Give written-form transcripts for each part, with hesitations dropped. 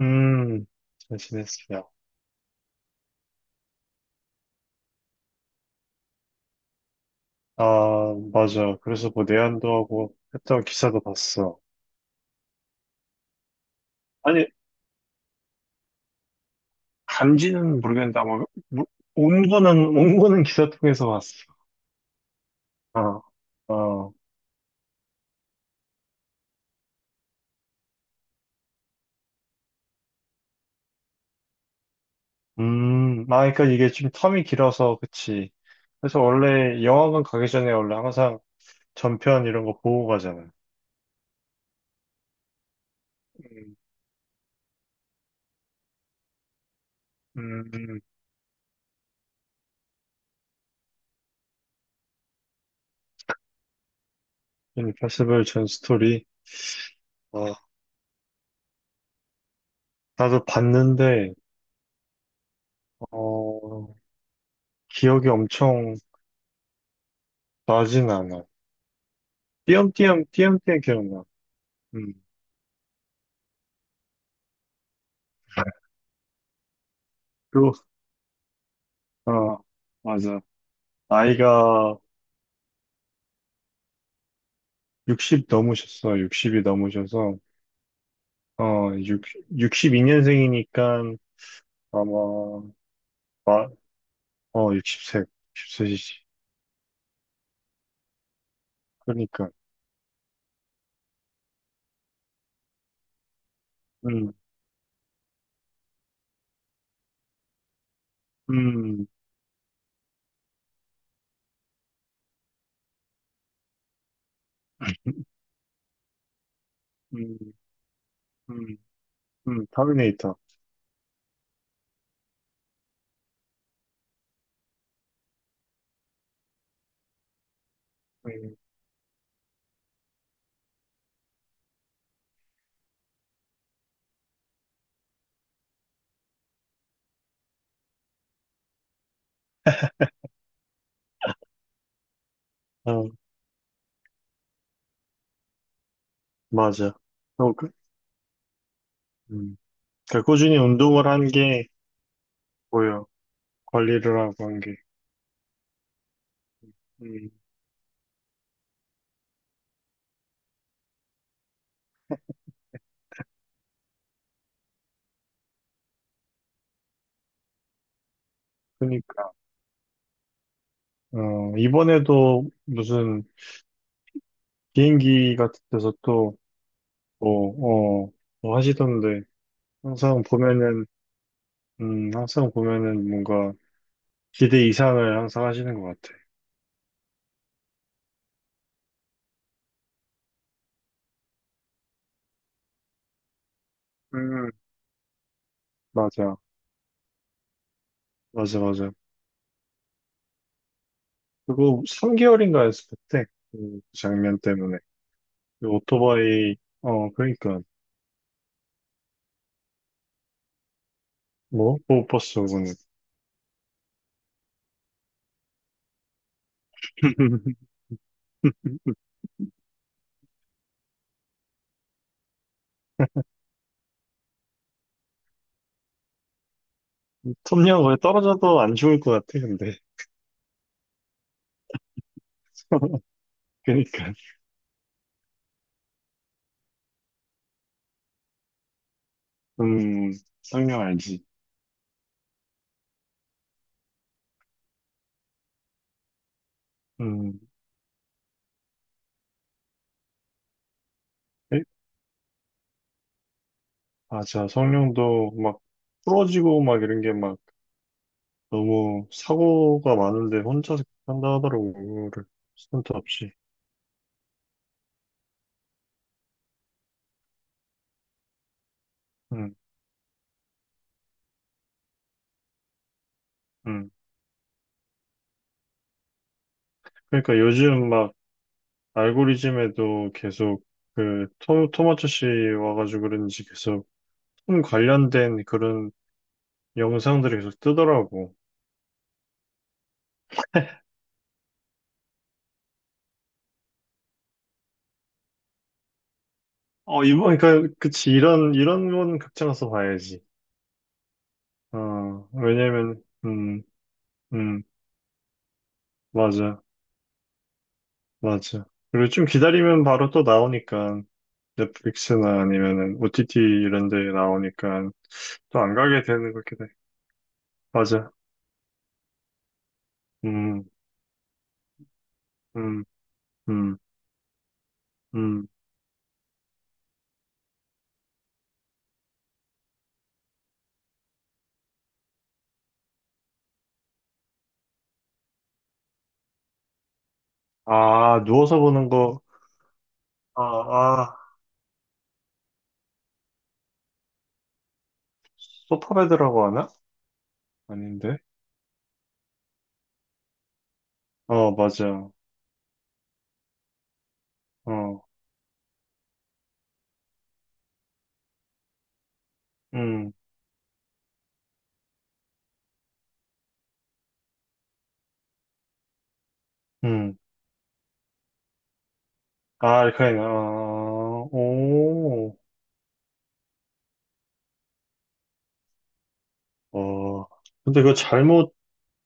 음, 잘 지냈어요. 아, 맞아. 그래서 뭐 내한도 하고 했던 기사도 봤어. 아니, 간지는 모르겠는데 아마 뭐, 온 거는 온 거는 기사 통해서 봤어. 어, 어. 아, 그러니까 이게 좀 텀이 길어서 그치. 그래서 원래 영화관 가기 전에 원래 항상 전편 이런 거 보고 가잖아. 음, 음, 인파서블 전 스토리. 어, 나도 봤는데 어, 기억이 엄청 나진 않아. 띄엄띄엄, 띄엄띄엄 기억나. 음, 그, 어, 맞아. 나이가 60 넘으셨어. 60이 넘으셔서, 어, 6, 십2년생이니까 아마, 마, 어, 6십세6십세시지 그러니까. 음, 음, 음, 음, 터미네이터. 음, 어, 맞아. 어, 그, 음. 그러니까 꾸준히 운동을 한 게 보여. 관리를 하고 한 게. 음, 그러니까. 어, 이번에도 무슨 비행기 같은 데서 또, 뭐, 뭐 하시던데, 항상 보면은, 항상 보면은 뭔가 기대 이상을 항상 하시는 것 같아. 음, 맞아, 맞아, 맞아. 그거 3개월인가 했을 때, 그 장면 때문에. 그 오토바이, 그러니까. 뭐, 못 봤어, 그거는. 톱니가 거의 떨어져도 안 죽을 것 같아, 근데. 그러니까. 음, 성령 알지. 음, 맞아. 성룡도 막 부러지고 막 이런 게 막 너무 사고가 많은데 혼자서 한다 하더라고. 이거를 스턴트 없이. 응, 응. 그러니까 요즘 막 알고리즘에도 계속 그 토마토 씨 와가지고 그런지 계속 톰 관련된 그런 영상들이 계속 뜨더라고. 어, 이번, 그러니까, 그치. 이런 건 극장에서 봐야지. 어, 왜냐면, 음, 맞아. 맞아. 그리고 좀 기다리면 바로 또 나오니까 넷플릭스나 아니면은 OTT 이런 데 나오니까 또 안 가게 되는 것 같긴 해. 맞아. 음, 음, 음, 음. 아, 누워서 보는 거. 아, 아, 소파베드라고 하나? 아닌데? 어, 맞아. 어, 음, 음. 아, 알카이나. 아, 오, 어. 근데 그거 잘못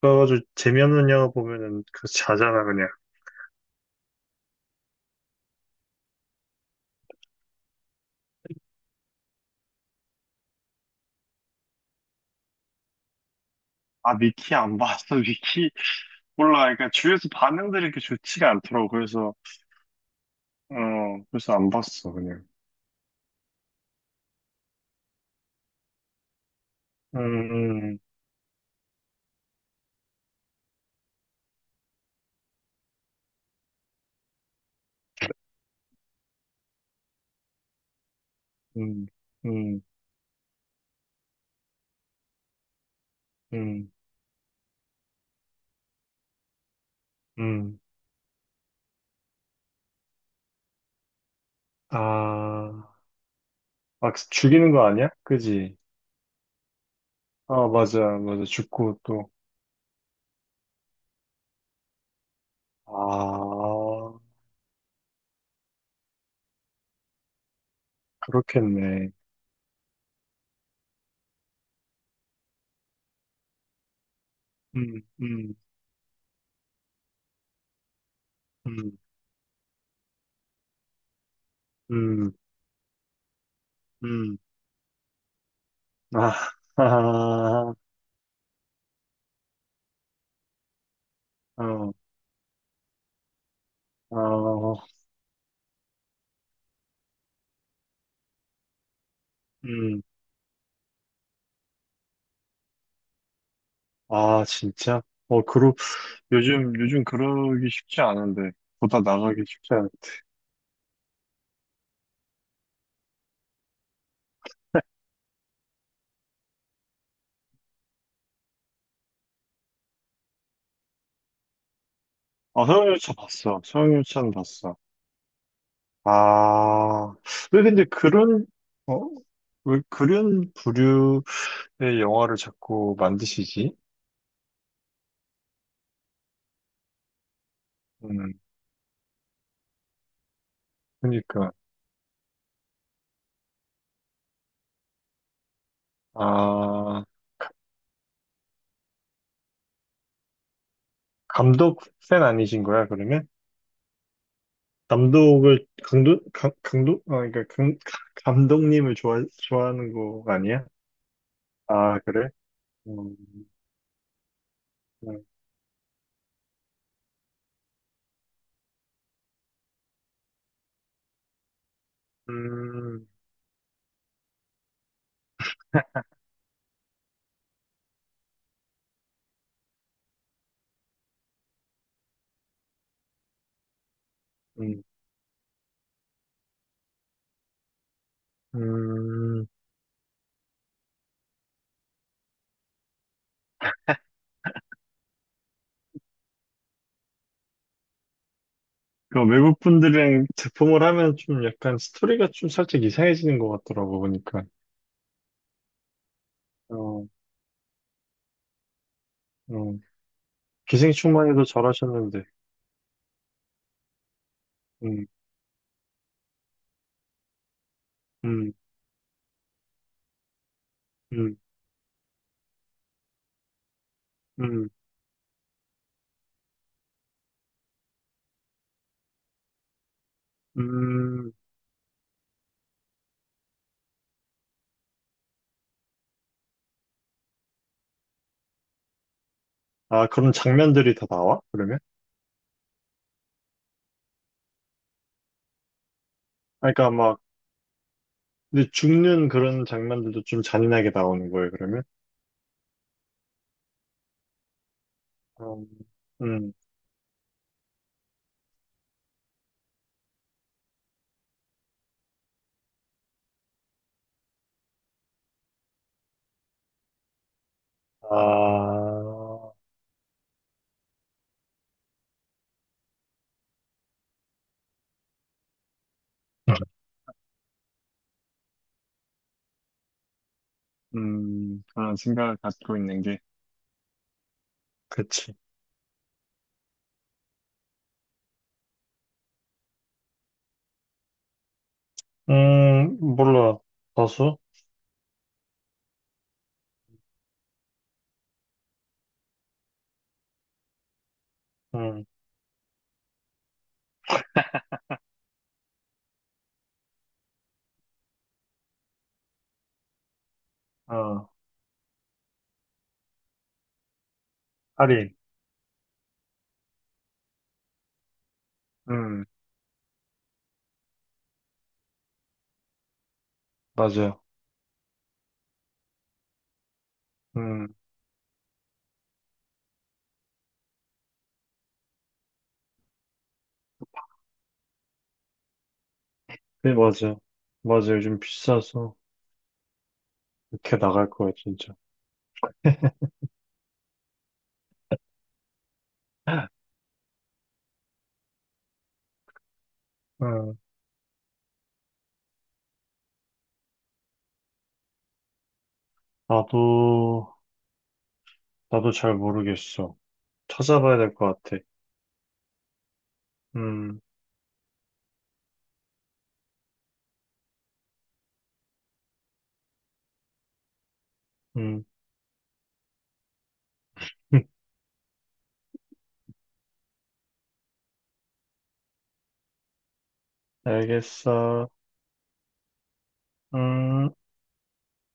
봐가지고 재미없는 영화 보면은 그 자잖아, 그냥. 아, 미키 안 봤어, 미키. 몰라, 그러니까 주위에서 반응들이 이렇게 좋지가 않더라고. 그래서, 어, 안 봤어, 그냥. 음, 음, 음, 음, 음. 아, 막 죽이는 거 아니야? 그지? 아, 맞아, 맞아. 죽고 또. 아, 그렇겠네. 음, 음, 음, 음, 음. 아, 아, 어, 어, 음. 아, 진짜? 어, 그러, 요즘, 요즘 그러기 쉽지 않은데. 보다 나가기 쉽지 않은데. 아, 소형열차 봤어. 소형열차는 봤어. 아, 왜 근데 그런, 어, 왜 그런 부류의 영화를 자꾸 만드시지? 음, 그러니까. 아, 감독 팬 아니신 거야, 그러면? 강도, 강도? 아, 그러니까, 감독님을 좋아하는 거 아니야? 아, 그래? 음, 음, 음, 음. 그러니까 외국 분들이랑 제품을 하면 좀 약간 스토리가 좀 살짝 이상해지는 것 같더라고 보니까. 어, 어. 기생충만 해도 잘하셨는데. 음, 음, 음, 음, 음. 아, 그런 장면들이 다 나와? 그러면? 아, 그러니까 막 근데 죽는 그런 장면들도 좀 잔인하게 나오는 거예요, 그러면? 음, 음, 아, 그런 생각을 갖고 있는 게. 그치. 몰라. 다수? 음, 어, 할인. 맞아요. 음, 네, 맞아요. 맞아요. 요즘 비싸서 이렇게 나갈 거야, 진짜. 음, 나도, 나도 잘 모르겠어. 찾아봐야 될 것 같아. 음, 음, 알겠어. 음.